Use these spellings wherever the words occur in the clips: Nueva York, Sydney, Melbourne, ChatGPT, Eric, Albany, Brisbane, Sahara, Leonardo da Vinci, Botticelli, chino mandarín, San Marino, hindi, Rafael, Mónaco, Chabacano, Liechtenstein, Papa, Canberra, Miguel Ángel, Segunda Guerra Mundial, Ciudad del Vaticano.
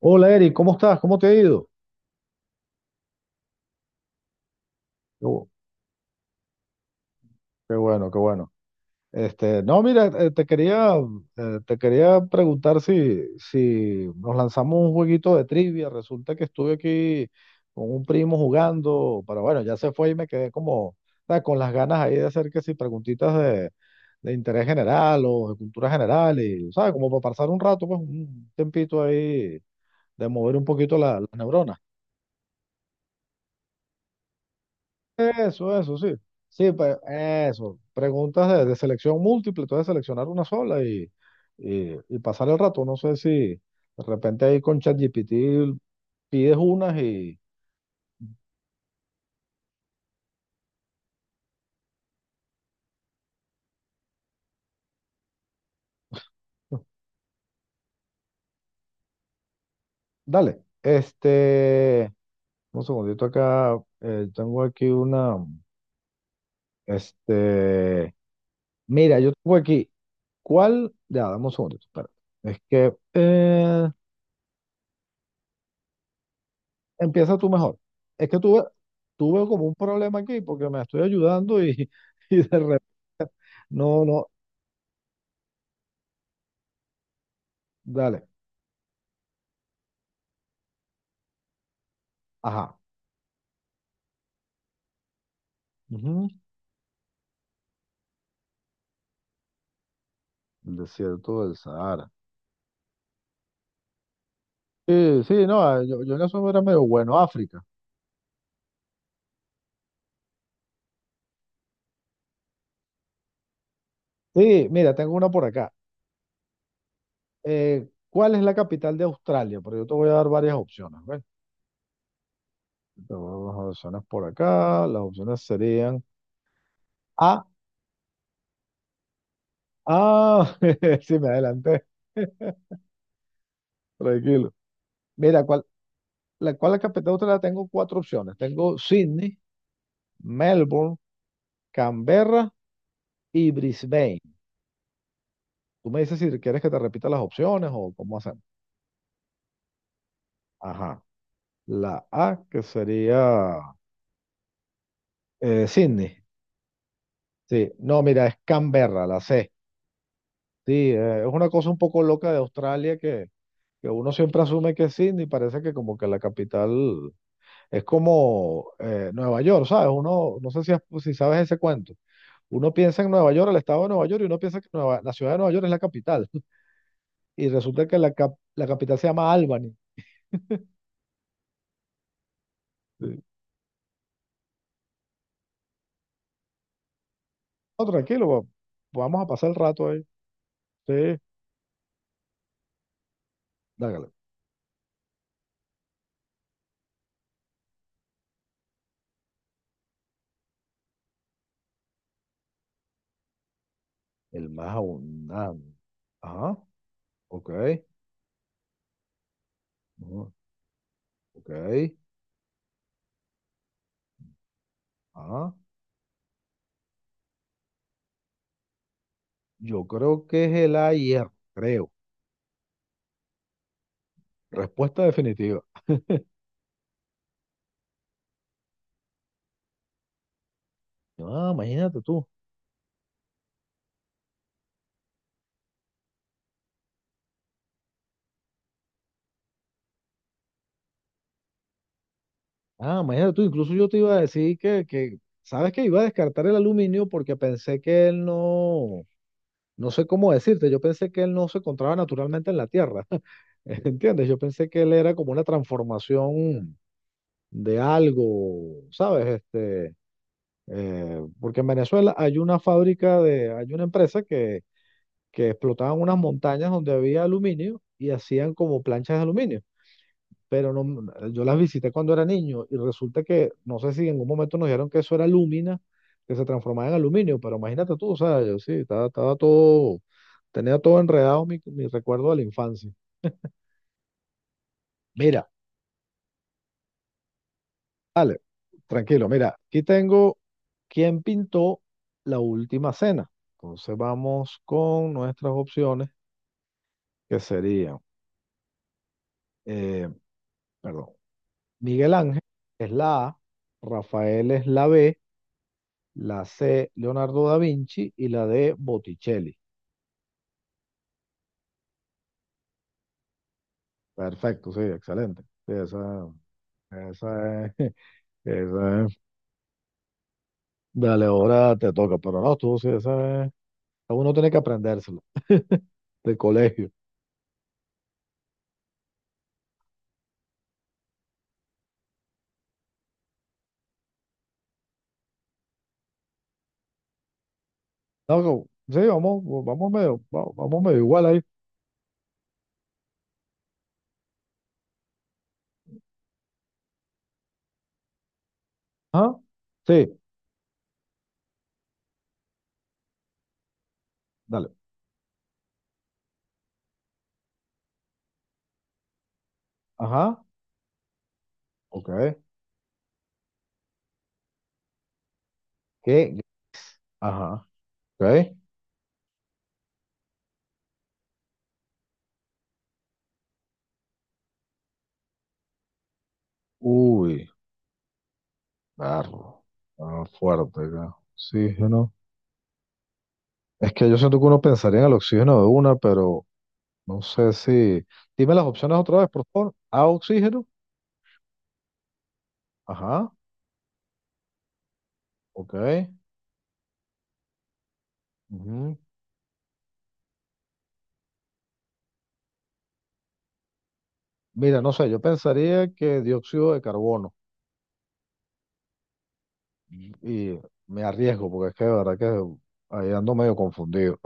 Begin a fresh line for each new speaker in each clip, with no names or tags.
Hola Eric, ¿cómo estás? ¿Cómo te ha ido? Qué, bu- qué bueno, qué bueno. Este, no, mira, te quería preguntar si nos lanzamos un jueguito de trivia. Resulta que estuve aquí con un primo jugando, pero bueno, ya se fue y me quedé como, ¿sabes? Con las ganas ahí de hacer que si preguntitas de, interés general o de cultura general y, ¿sabes? Como para pasar un rato, pues un tempito ahí de mover un poquito las neuronas. Eso, sí. Sí, pues eso. Preguntas de, selección múltiple, entonces seleccionar una sola y pasar el rato. No sé si de repente ahí con ChatGPT pides unas y... Dale. Este, un segundito acá. Tengo aquí una... Este, mira, yo tengo aquí. ¿Cuál? Ya, dame un segundito. Espera. Es que empieza tú mejor. Es que tuve como un problema aquí porque me estoy ayudando y... Y de No, no, dale. Ajá. Ujú. El desierto del Sahara. Sí, sí, no, ah, yo en eso era medio bueno. África. Sí, mira, tengo una por acá. ¿Cuál es la capital de Australia? Porque yo te voy a dar varias opciones, ¿ves? Te voy a dar las opciones por acá. Las opciones serían. Ah, ah, sí, me adelanté. Tranquilo. Mira, ¿cuál es la capital de Australia? Tengo cuatro opciones. Tengo Sydney, Melbourne, Canberra y Brisbane. Tú me dices si quieres que te repita las opciones o cómo hacemos. Ajá. La A, que sería Sydney. Sí, no, mira, es Canberra, la C. Sí, es una cosa un poco loca de Australia que uno siempre asume que es Sydney, parece que como que la capital es como Nueva York, ¿sabes? Uno, no sé si, si sabes ese cuento. Uno piensa en Nueva York, el estado de Nueva York, y uno piensa que la ciudad de Nueva York es la capital. Y resulta que la capital se llama Albany. Sí. No, tranquilo, vamos a pasar el rato ahí. Sí, dágale. El más abundante. Ajá, ok. Ujú, ok. Ajá. Yo creo que es el ayer, creo. Respuesta definitiva. Ah, imagínate tú. Ah, imagínate tú. Incluso yo te iba a decir ¿sabes que iba a descartar el aluminio porque pensé que él no, no sé cómo decirte, yo pensé que él no se encontraba naturalmente en la Tierra? ¿Entiendes? Yo pensé que él era como una transformación de algo, ¿sabes? Este, eh, porque en Venezuela hay una empresa que, explotaban unas montañas donde había aluminio y hacían como planchas de aluminio. Pero no, yo las visité cuando era niño y resulta que, no sé si en algún momento nos dijeron que eso era lúmina que se transformaba en aluminio, pero imagínate tú, o sea, yo sí, estaba todo, tenía todo enredado mi recuerdo de la infancia. Mira, tranquilo, mira, aquí tengo quién pintó La Última Cena. Entonces vamos con nuestras opciones. Que sería, eh, perdón, Miguel Ángel es la A, Rafael es la B, la C, Leonardo da Vinci y la D, Botticelli. Perfecto, sí, excelente. Sí, esa es, esa es. Dale, ahora te toca, pero no, tú, sí, esa es, uno tiene que aprendérselo de colegio. No, sí, vamos medio, vamos medio igual ahí. Ajá, sí, dale. Ajá, ok. ¿Qué? Ajá, ok. Uy. Barro. Ah, fuerte acá. Oxígeno. Es que yo siento que uno pensaría en el oxígeno de una, pero no sé si. Dime las opciones otra vez, por favor. A, oxígeno. Ajá. Ok. Ujú. Mira, no sé, yo pensaría que dióxido de carbono. Y me arriesgo, porque es que de verdad que ahí ando medio confundido.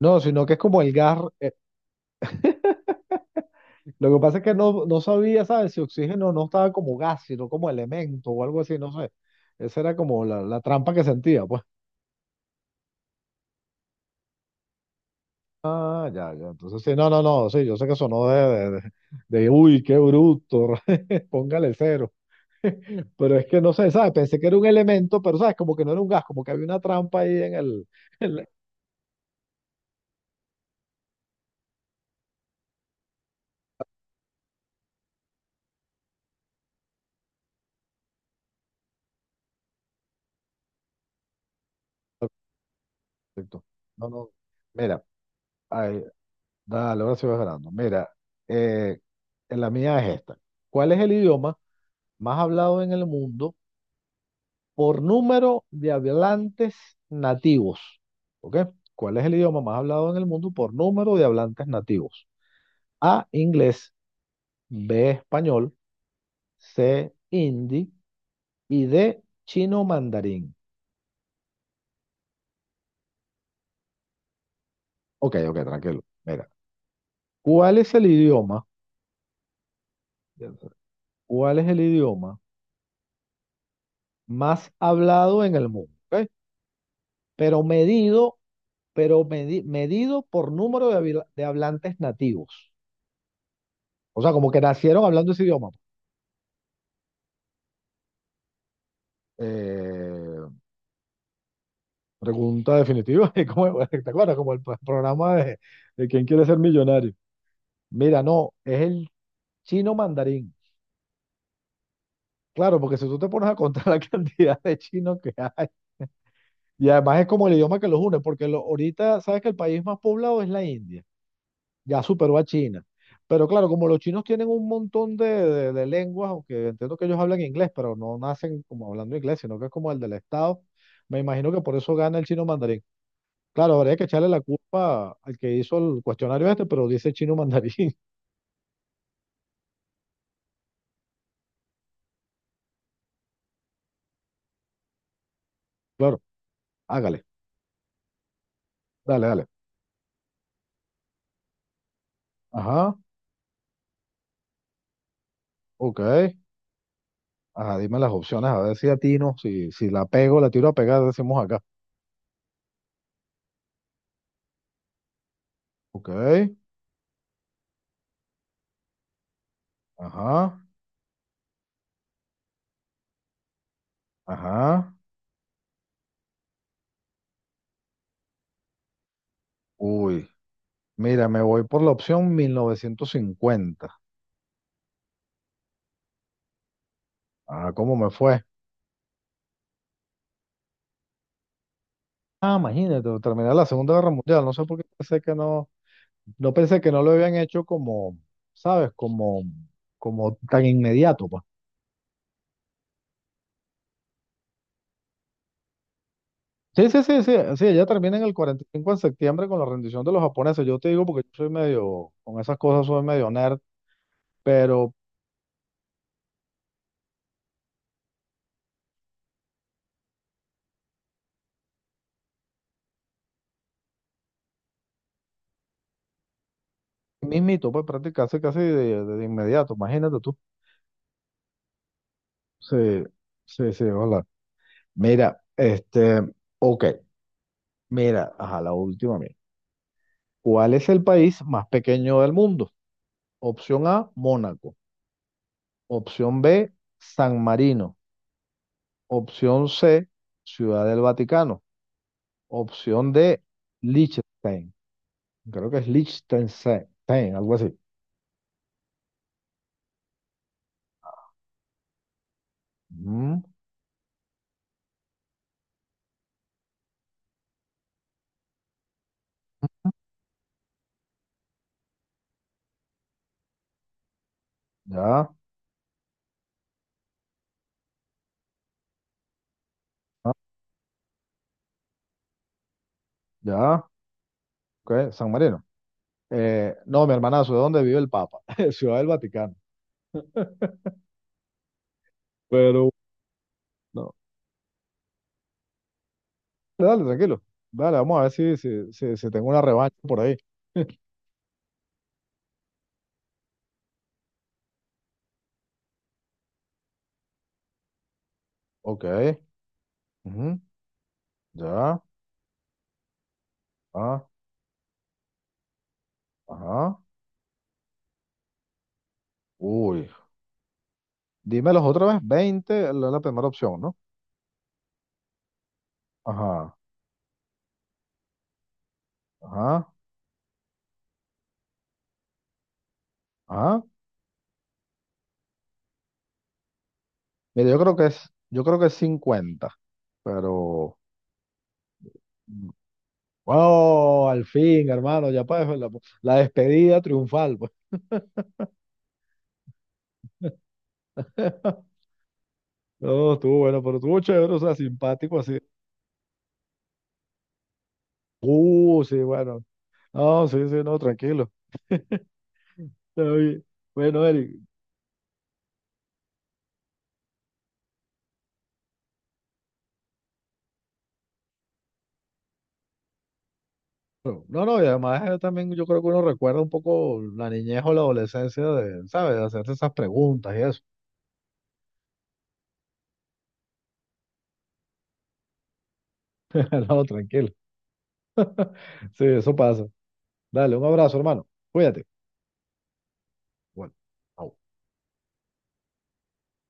No, sino que es como el gas. Lo que pasa es que no sabía, ¿sabes? Si oxígeno no estaba como gas, sino como elemento o algo así, no sé. Esa era como la trampa que sentía, pues. Ah, ya, ya. Entonces, sí, no, no, no, sí, yo sé que sonó de, de- de, uy, qué bruto, póngale cero. Pero es que no sé, ¿sabes? Pensé que era un elemento, pero ¿sabes? Como que no era un gas, como que había una trampa ahí en el... en la- Perfecto. No, no. Mira, ay, dale, ahora sí vas ganando. Mira, eh, la mía es esta. ¿Cuál es el idioma más hablado en el mundo por número de hablantes nativos? ¿Ok? ¿Cuál es el idioma más hablado en el mundo por número de hablantes nativos? A, inglés; B, español; C, hindi; y D, chino mandarín. Ok, ok, tranquilo. Mira, ¿cuál es el idioma? ¿Cuál es el idioma más hablado en el mundo? ¿Ok? Pero medido, medido por número de hablantes nativos. O sea, como que nacieron hablando ese idioma. Eh, Pregunta definitiva. ¿Te acuerdas? Como el, pues, programa de ¿Quién quiere ser millonario? Mira, no, es el chino mandarín. Claro, porque si tú te pones a contar la cantidad de chinos que hay, y además es como el idioma que los une, porque ahorita sabes que el país más poblado es la India, ya superó a China. Pero claro, como los chinos tienen un montón de lenguas, aunque entiendo que ellos hablan inglés, pero no nacen como hablando inglés, sino que es como el del Estado, me imagino que por eso gana el chino mandarín. Claro, habría que echarle la culpa al que hizo el cuestionario este, pero dice chino mandarín. Claro, hágale, dale, dale. Ajá, ok. Ajá, dime las opciones, a ver si atino, si la pego, la tiro a pegar, decimos acá. Ok, ajá, ajá. Uy, mira, me voy por la opción 1950. Ah, ¿cómo me fue? Ah, imagínate, terminar la Segunda Guerra Mundial. No sé por qué pensé que no, no pensé que no lo habían hecho como, ¿sabes? Como tan inmediato, pues. Sí, sí, sí, sí, sí, ella termina en el 45 en septiembre con la rendición de los japoneses. Yo te digo porque yo soy medio, con esas cosas soy medio nerd, pero. Mismito, pues prácticamente casi, casi de inmediato, imagínate tú. Sí, sí, sí, hola. Mira, este, ok, mira, ajá, la última, mira. ¿Cuál es el país más pequeño del mundo? Opción A, Mónaco. Opción B, San Marino. Opción C, Ciudad del Vaticano. Opción D, Liechtenstein. Creo que es Liechtenstein, algo así. Ujú, ya, ah, ya, ok, San Marino. No, mi hermanazo, ¿de dónde vive el Papa? Ciudad del Vaticano. Pero, no. Dale, tranquilo. Dale, vamos a ver si tengo una revancha por ahí. Ok. Ujú, ya. Ah, ajá. Uy. Dímelos otra vez. 20 es la primera opción, ¿no? Ajá. Ajá. Ajá. Mira, yo creo que es cincuenta, pero. ¡Wow! Al fin, hermano, ya para la despedida triunfal, pues. No, estuvo bueno, pero estuvo chévere, o sea, simpático así. Sí, bueno. No, sí, sí, no, tranquilo. Está bien. Bueno, Eric. No, no, no, y además también yo creo que uno recuerda un poco la niñez o la adolescencia de, ¿sabes? De hacerse esas preguntas y eso. No, tranquilo. Sí, eso pasa. Dale, un abrazo, hermano. Cuídate. Bueno. Chao.